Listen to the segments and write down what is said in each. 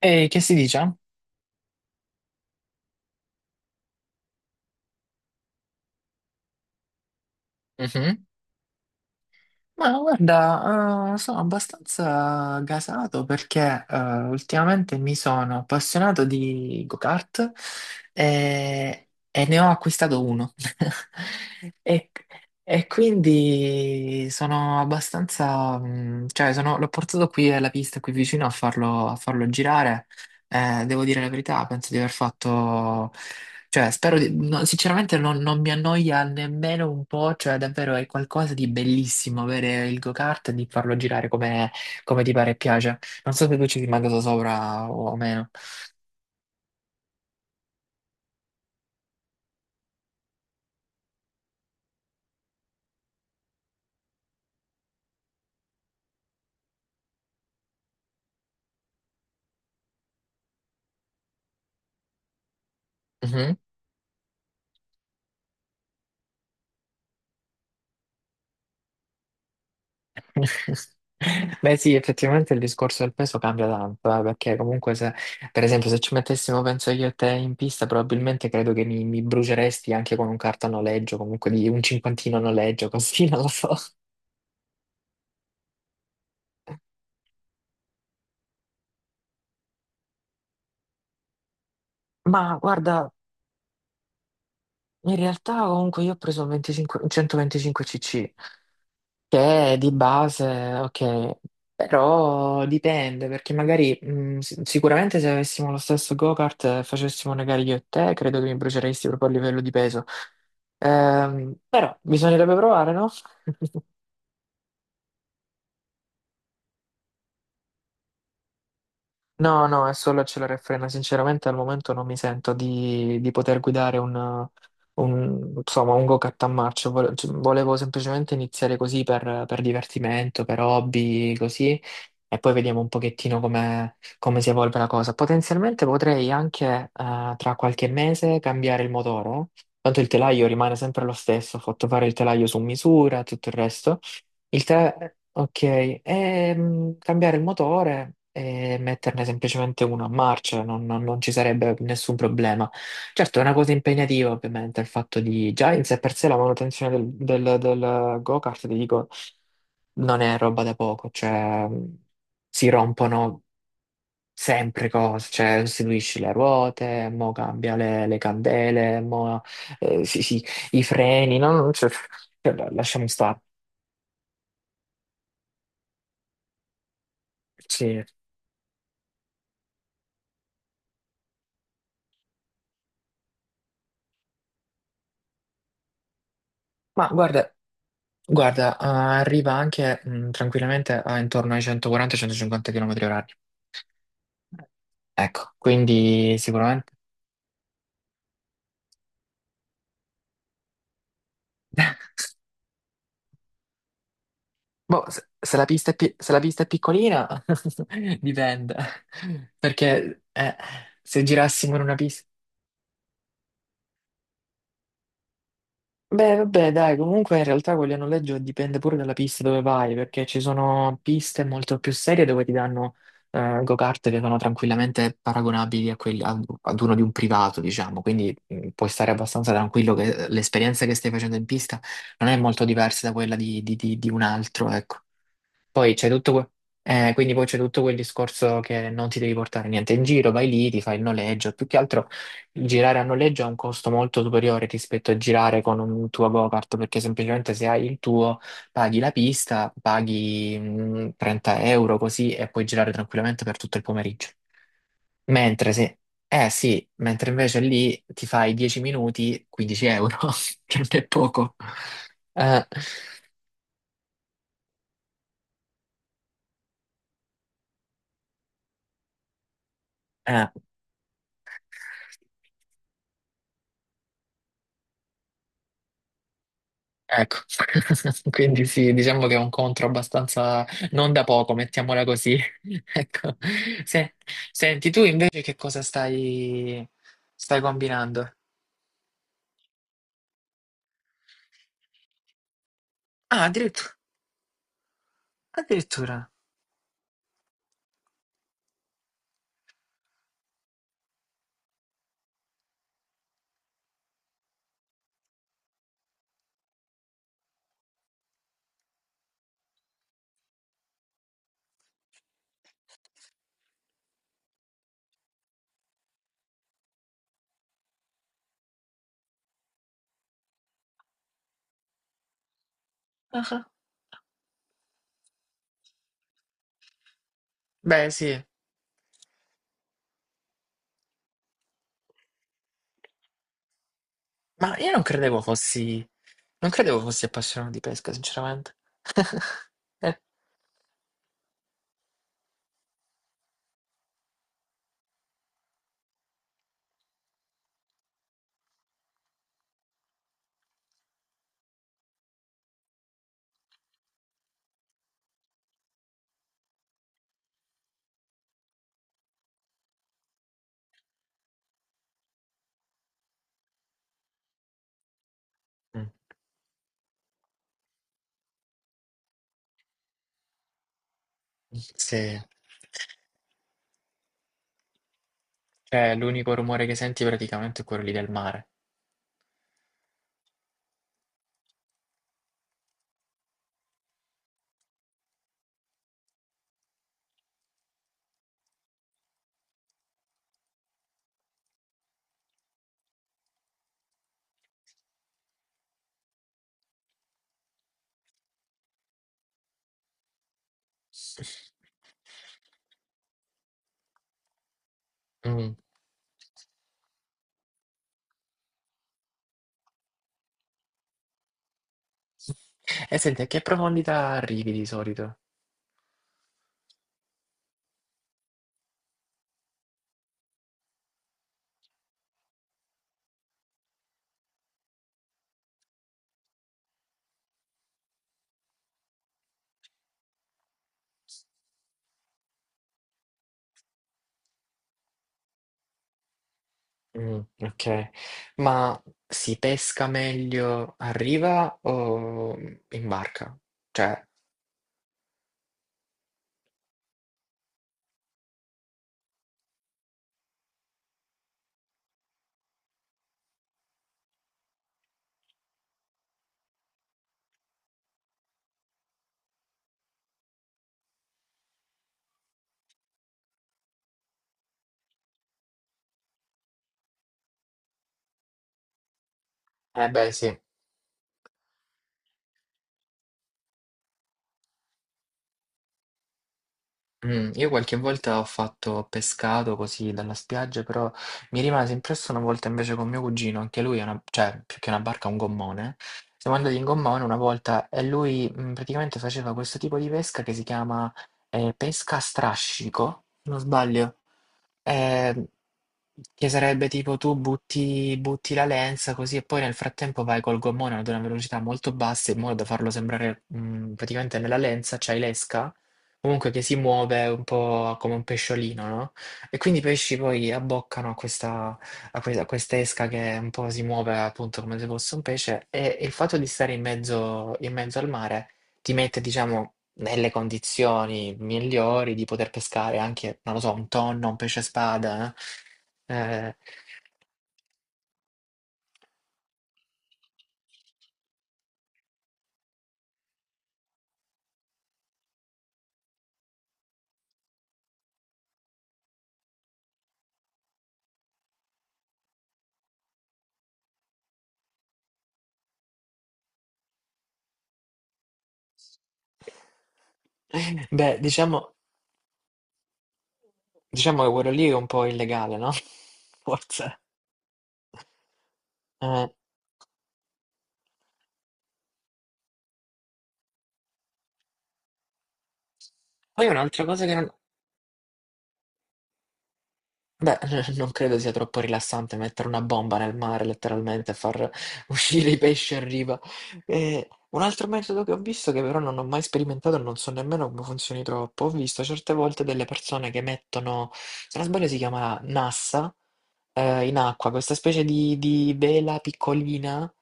E che si dice? Mhm. Ma guarda, sono abbastanza gasato perché ultimamente mi sono appassionato di go-kart e ne ho acquistato uno. E, e quindi sono abbastanza, cioè l'ho portato qui alla pista, qui vicino a farlo girare. Devo dire la verità, penso di aver fatto. Cioè, no, sinceramente non mi annoia nemmeno un po', cioè davvero è qualcosa di bellissimo avere il go-kart e di farlo girare come, ti pare e piace. Non so se tu ci sei mai andato sopra o meno. Mhm. Beh sì, effettivamente il discorso del peso cambia tanto, perché comunque se, per esempio, se ci mettessimo, penso io e te in pista, probabilmente credo che mi bruceresti anche con un carta a noleggio, comunque di un cinquantino a noleggio, così, non lo so. Ma guarda, in realtà comunque io ho preso il 25 il 125 cc, che è di base, ok, però dipende, perché magari sicuramente se avessimo lo stesso go-kart e facessimo una gara io e te, credo che mi bruceresti proprio a livello di peso. Però bisognerebbe provare, no? No, no, è solo accelera e frena. Sinceramente al momento non mi sento di poter guidare insomma, un go-kart a marcia. Cioè, volevo semplicemente iniziare così per divertimento, per hobby, così, e poi vediamo un pochettino come, si evolve la cosa. Potenzialmente potrei anche tra qualche mese cambiare il motore, tanto il telaio rimane sempre lo stesso, ho fatto fare il telaio su misura, tutto il resto. Il 3, ok, cambiare il motore e metterne semplicemente uno a marcia, non ci sarebbe nessun problema. Certo, è una cosa impegnativa, ovviamente, il fatto di già in sé per sé la manutenzione del go-kart, ti dico, non è roba da poco, cioè si rompono sempre cose, cioè sostituisci le ruote, mo cambia le candele, mo sì, sì, i freni, no? Cioè, lasciamo stare. Sì. Ma guarda, Guarda, ah, arriva anche tranquillamente a intorno ai 140-150 km orari. Ecco, quindi sicuramente. Boh, se, se la pista è pi- se la pista è piccolina, dipende. Perché se girassimo in una pista. Beh, vabbè, dai, comunque in realtà quelli a noleggio dipende pure dalla pista dove vai, perché ci sono piste molto più serie dove ti danno go-kart che sono tranquillamente paragonabili a ad uno di un privato, diciamo, quindi puoi stare abbastanza tranquillo che l'esperienza che stai facendo in pista non è molto diversa da quella di un altro, ecco. Poi c'è tutto, que- quindi poi c'è tutto quel discorso che non ti devi portare niente in giro, vai lì, ti fai il noleggio. Più che altro girare a noleggio ha un costo molto superiore rispetto a girare con un tuo go-kart, perché semplicemente se hai il tuo paghi la pista, paghi 30 euro così e puoi girare tranquillamente per tutto il pomeriggio. Mentre se, eh sì, mentre invece lì ti fai 10 minuti, 15 euro, che non è poco. Eh, eh. Ecco, quindi sì, diciamo che è un contro abbastanza non da poco, mettiamola così. Ecco. Se- Senti, tu invece che cosa stai combinando? Ah, addirittura. Addirittura. Ah, ah. Beh, sì, ma io non credevo fossi appassionato di pesca, sinceramente. Eh, mm, Sì, cioè l'unico rumore che senti praticamente è quello lì del mare. Mm. E senti, a che profondità arrivi di solito? Ok, ma si pesca meglio a riva o in barca? Cioè, eh beh, sì. Io qualche volta ho fatto pescato così dalla spiaggia, però mi rimase impressa una volta invece con mio cugino, anche lui è una cioè più che una barca, un gommone. Siamo andati in gommone una volta e lui, praticamente faceva questo tipo di pesca che si chiama, pesca a strascico, se non sbaglio. Ehm, che sarebbe tipo tu butti la lenza così e poi nel frattempo vai col gommone ad una velocità molto bassa in modo da farlo sembrare, praticamente nella lenza c'hai l'esca comunque che si muove un po' come un pesciolino, no? E quindi i pesci poi abboccano a questa esca che un po' si muove appunto come se fosse un pesce e il fatto di stare in mezzo al mare ti mette, diciamo, nelle condizioni migliori di poter pescare anche, non lo so, un tonno, un pesce spada. eh. Beh, diciamo che quello lì è un po' illegale, no? Forse. Eh, Poi un'altra cosa che non. Beh, non credo sia troppo rilassante mettere una bomba nel mare, letteralmente, e far uscire i pesci a riva. E un altro metodo che ho visto, che però non ho mai sperimentato e non so nemmeno come funzioni troppo, ho visto certe volte delle persone che mettono, se non sbaglio si chiama NASA, in acqua, questa specie di vela piccolina,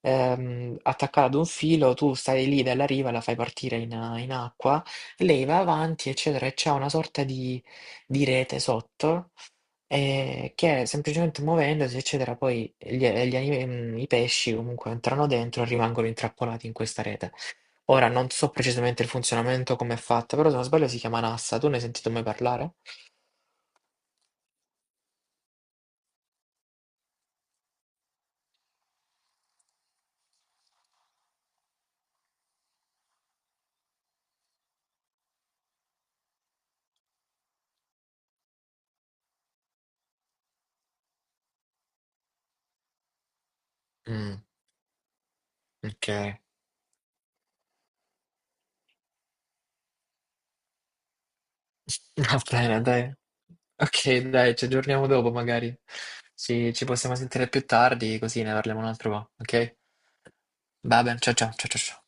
attaccata ad un filo, tu stai lì dalla riva, la fai partire in, acqua, lei va avanti, eccetera, e c'è una sorta di rete sotto che semplicemente muovendosi, eccetera, poi i pesci comunque entrano dentro e rimangono intrappolati in questa rete. Ora non so precisamente il funzionamento, come è fatta, però se non sbaglio si chiama Nassa, tu ne hai sentito mai parlare? Mm, ok, va bene, dai. Ok, dai, ci aggiorniamo dopo magari. Ci possiamo sentire più tardi, così ne parliamo un altro po', ok? Va bene, ciao ciao ciao ciao. Ciao.